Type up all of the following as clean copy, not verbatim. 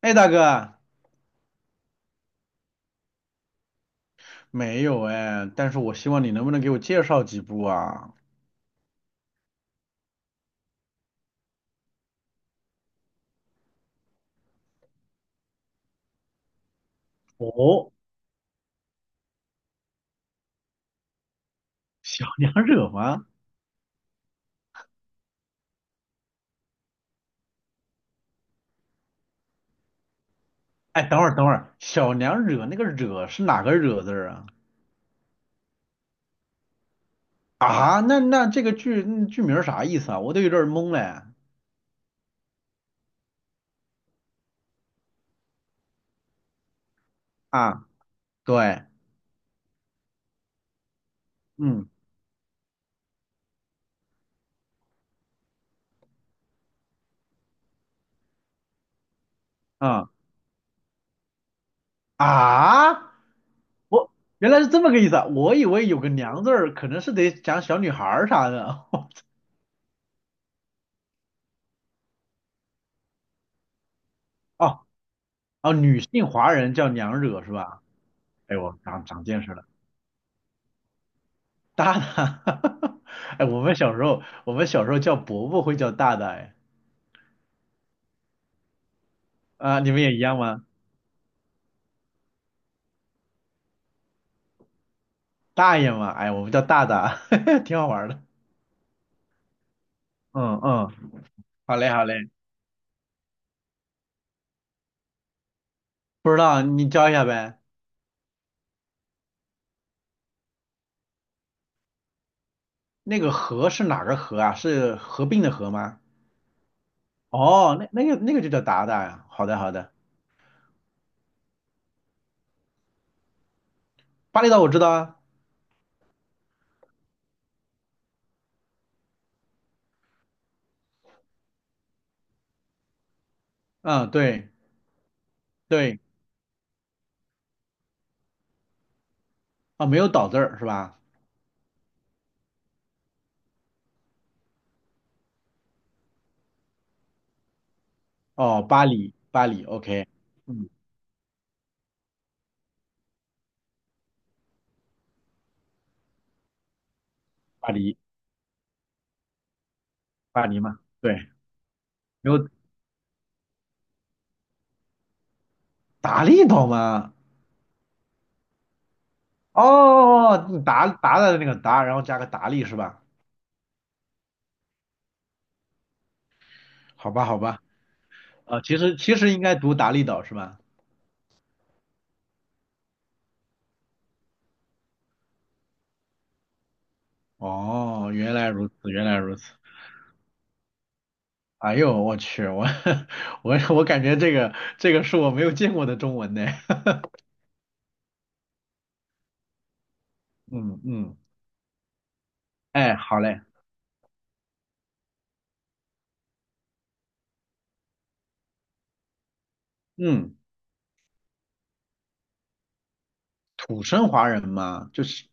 哎，大哥，没有哎，但是我希望你能不能给我介绍几部啊？哦，小娘惹吗？哎，等会儿等会儿，小娘惹那个惹是哪个惹字儿啊？啊，那这个剧名儿啥意思啊？我都有点儿懵嘞。啊，对，嗯啊啊，我原来是这么个意思啊，我以为有个娘字儿，可能是得讲小女孩儿啥的。哦哦，女性华人叫娘惹是吧？哎呦，长长见识了。大大，哎，我们小时候叫伯伯会叫大大，哎，啊，你们也一样吗？大爷嘛，哎，我们叫大大，挺好玩的。嗯嗯，好嘞好嘞，不知道你教一下呗。那个合是哪个合啊？是合并的合吗？哦，那那个就叫达达呀。好的好的，巴厘岛我知道啊。嗯，对对，啊没有岛字儿是吧？哦，巴黎巴黎，OK，嗯，巴黎巴黎嘛，对，没有达利岛吗？哦，达达的那个达，然后加个达利是吧？好吧，好吧，啊，其实应该读达利岛是吧？哦，原来如此，原来如此。哎呦，我去，我 我感觉这个是我没有见过的中文呢。嗯嗯，哎，好嘞，嗯，土生华人嘛，就是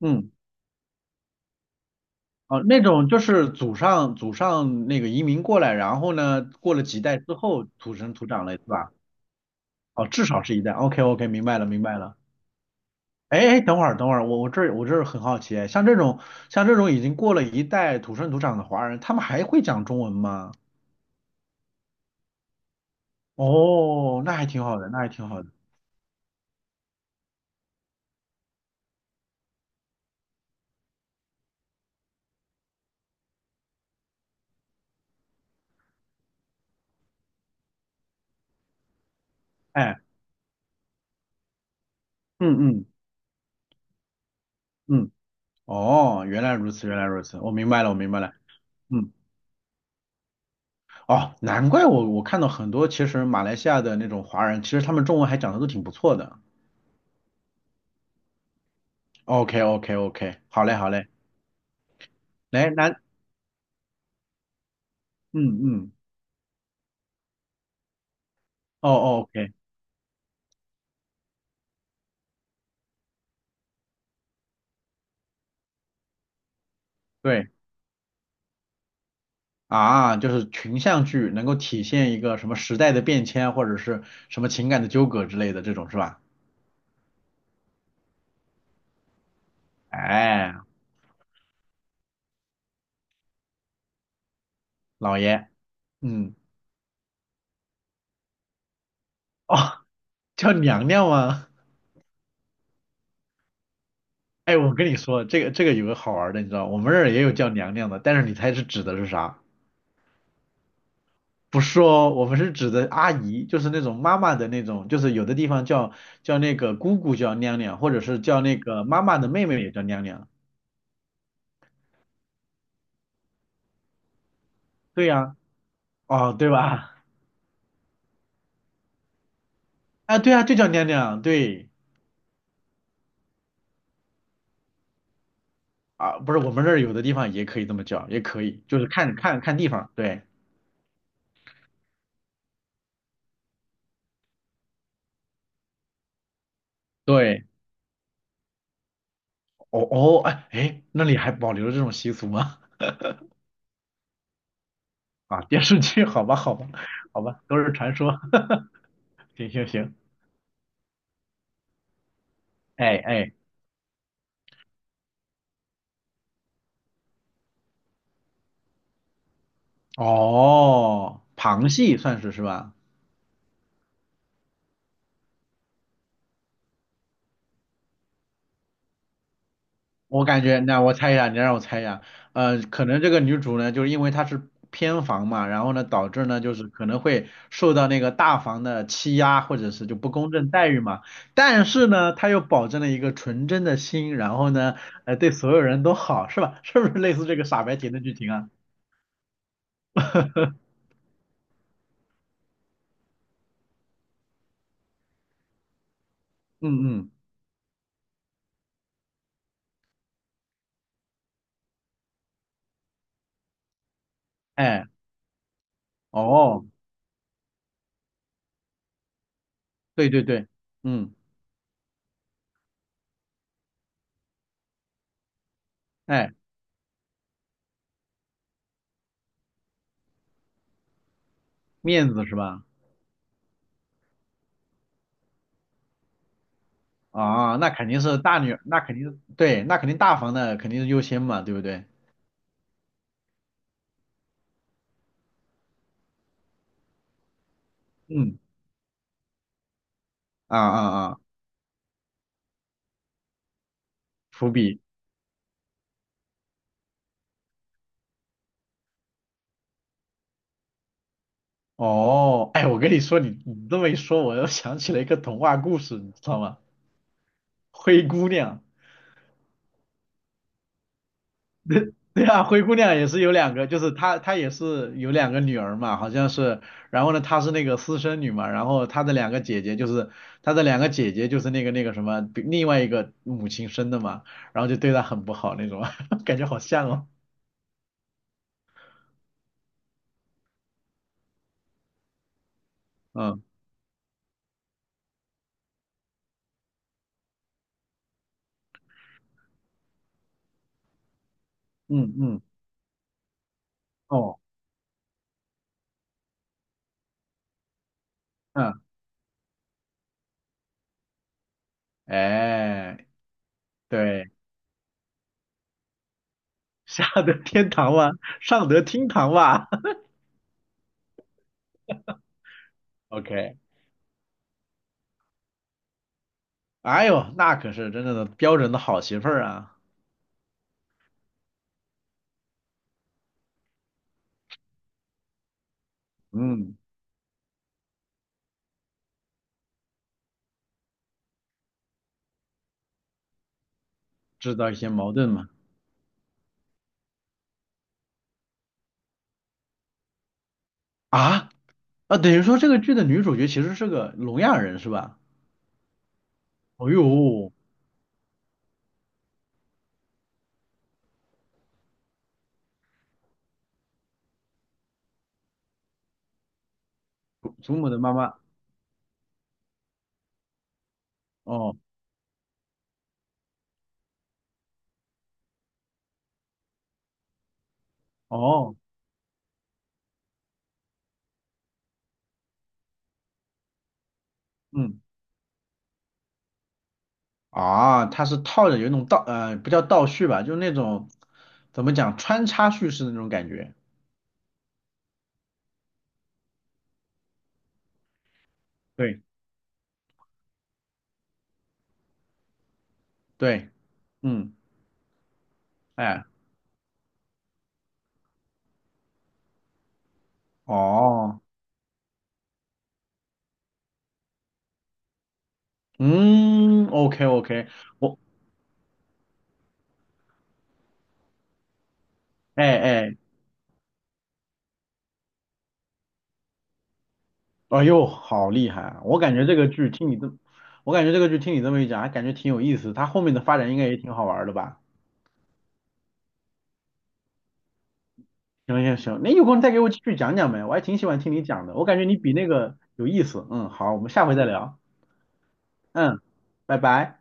嗯哦，那种就是祖上那个移民过来，然后呢，过了几代之后土生土长了是吧？哦，至少是一代。OK OK，明白了明白了。哎哎，等会儿等会儿，我这儿很好奇哎，像这种已经过了一代土生土长的华人，他们还会讲中文吗？哦，那还挺好的，那还挺好的。哎，嗯嗯嗯，哦，原来如此，原来如此，我明白了，我明白了。嗯，哦，难怪我看到很多其实马来西亚的那种华人，其实他们中文还讲的都挺不错的。OK OK OK，好嘞好嘞，来那嗯嗯，哦哦 OK，对。啊，就是群像剧能够体现一个什么时代的变迁，或者是什么情感的纠葛之类的这种是吧？哎，老爷，嗯，哦，叫娘娘吗？哎，我跟你说，这个这个有个好玩的，你知道，我们这儿也有叫娘娘的，但是你猜是指的是啥？不是哦，我们是指的阿姨，就是那种妈妈的那种，就是有的地方叫那个姑姑叫娘娘，或者是叫那个妈妈的妹妹也叫娘娘。对呀，哦，对吧？啊，对啊，就叫娘娘，对。啊，不是，我们这儿有的地方也可以这么叫，也可以，就是看地方。对对，哦哦，哎哎，那里还保留着这种习俗吗？啊，电视剧，好吧好吧，都是传说。行行行，哎哎，哦，旁系算是是吧？我感觉，那我猜一下，呃，可能这个女主呢，就是因为她是偏房嘛，然后呢，导致呢，就是可能会受到那个大房的欺压，或者是就不公正待遇嘛。但是呢，她又保证了一个纯真的心，然后呢，呃，对所有人都好，是吧？是不是类似这个傻白甜的剧情啊？嗯嗯，哎，哦，对对对，嗯，哎，面子是吧？啊，那肯定是大女，那肯定对，那肯定大房的肯定是优先嘛，对不对？嗯。啊啊啊！伏笔。哦，哎，我跟你说，你你这么一说，我又想起了一个童话故事，你知道吗？灰姑娘，对啊，灰姑娘也是有两个，就是她也是有两个女儿嘛，好像是，然后呢，她是那个私生女嘛，然后她的两个姐姐就是那个什么，比另外一个母亲生的嘛，然后就对她很不好那种，感觉好像哦，嗯嗯嗯，哦，嗯，哎，对。下得天堂哇，上得厅堂哇。OK，哎呦，那可是真正的标准的好媳妇儿啊，嗯，制造一些矛盾嘛。啊啊，等于说这个剧的女主角其实是个聋哑人是吧？哦呦，祖母的妈妈，哦哦，嗯啊，她是套着有一种倒呃，不叫倒叙吧，就是那种怎么讲穿插叙事的那种感觉。对对，嗯，哎，哦，嗯，OK OK，我哎哎哎呦，好厉害啊！我感觉这个剧听你这么一讲，还感觉挺有意思。它后面的发展应该也挺好玩儿的吧？行行行，那有空再给我继续讲讲呗，我还挺喜欢听你讲的，我感觉你比那个有意思。嗯，好，我们下回再聊。嗯，拜拜。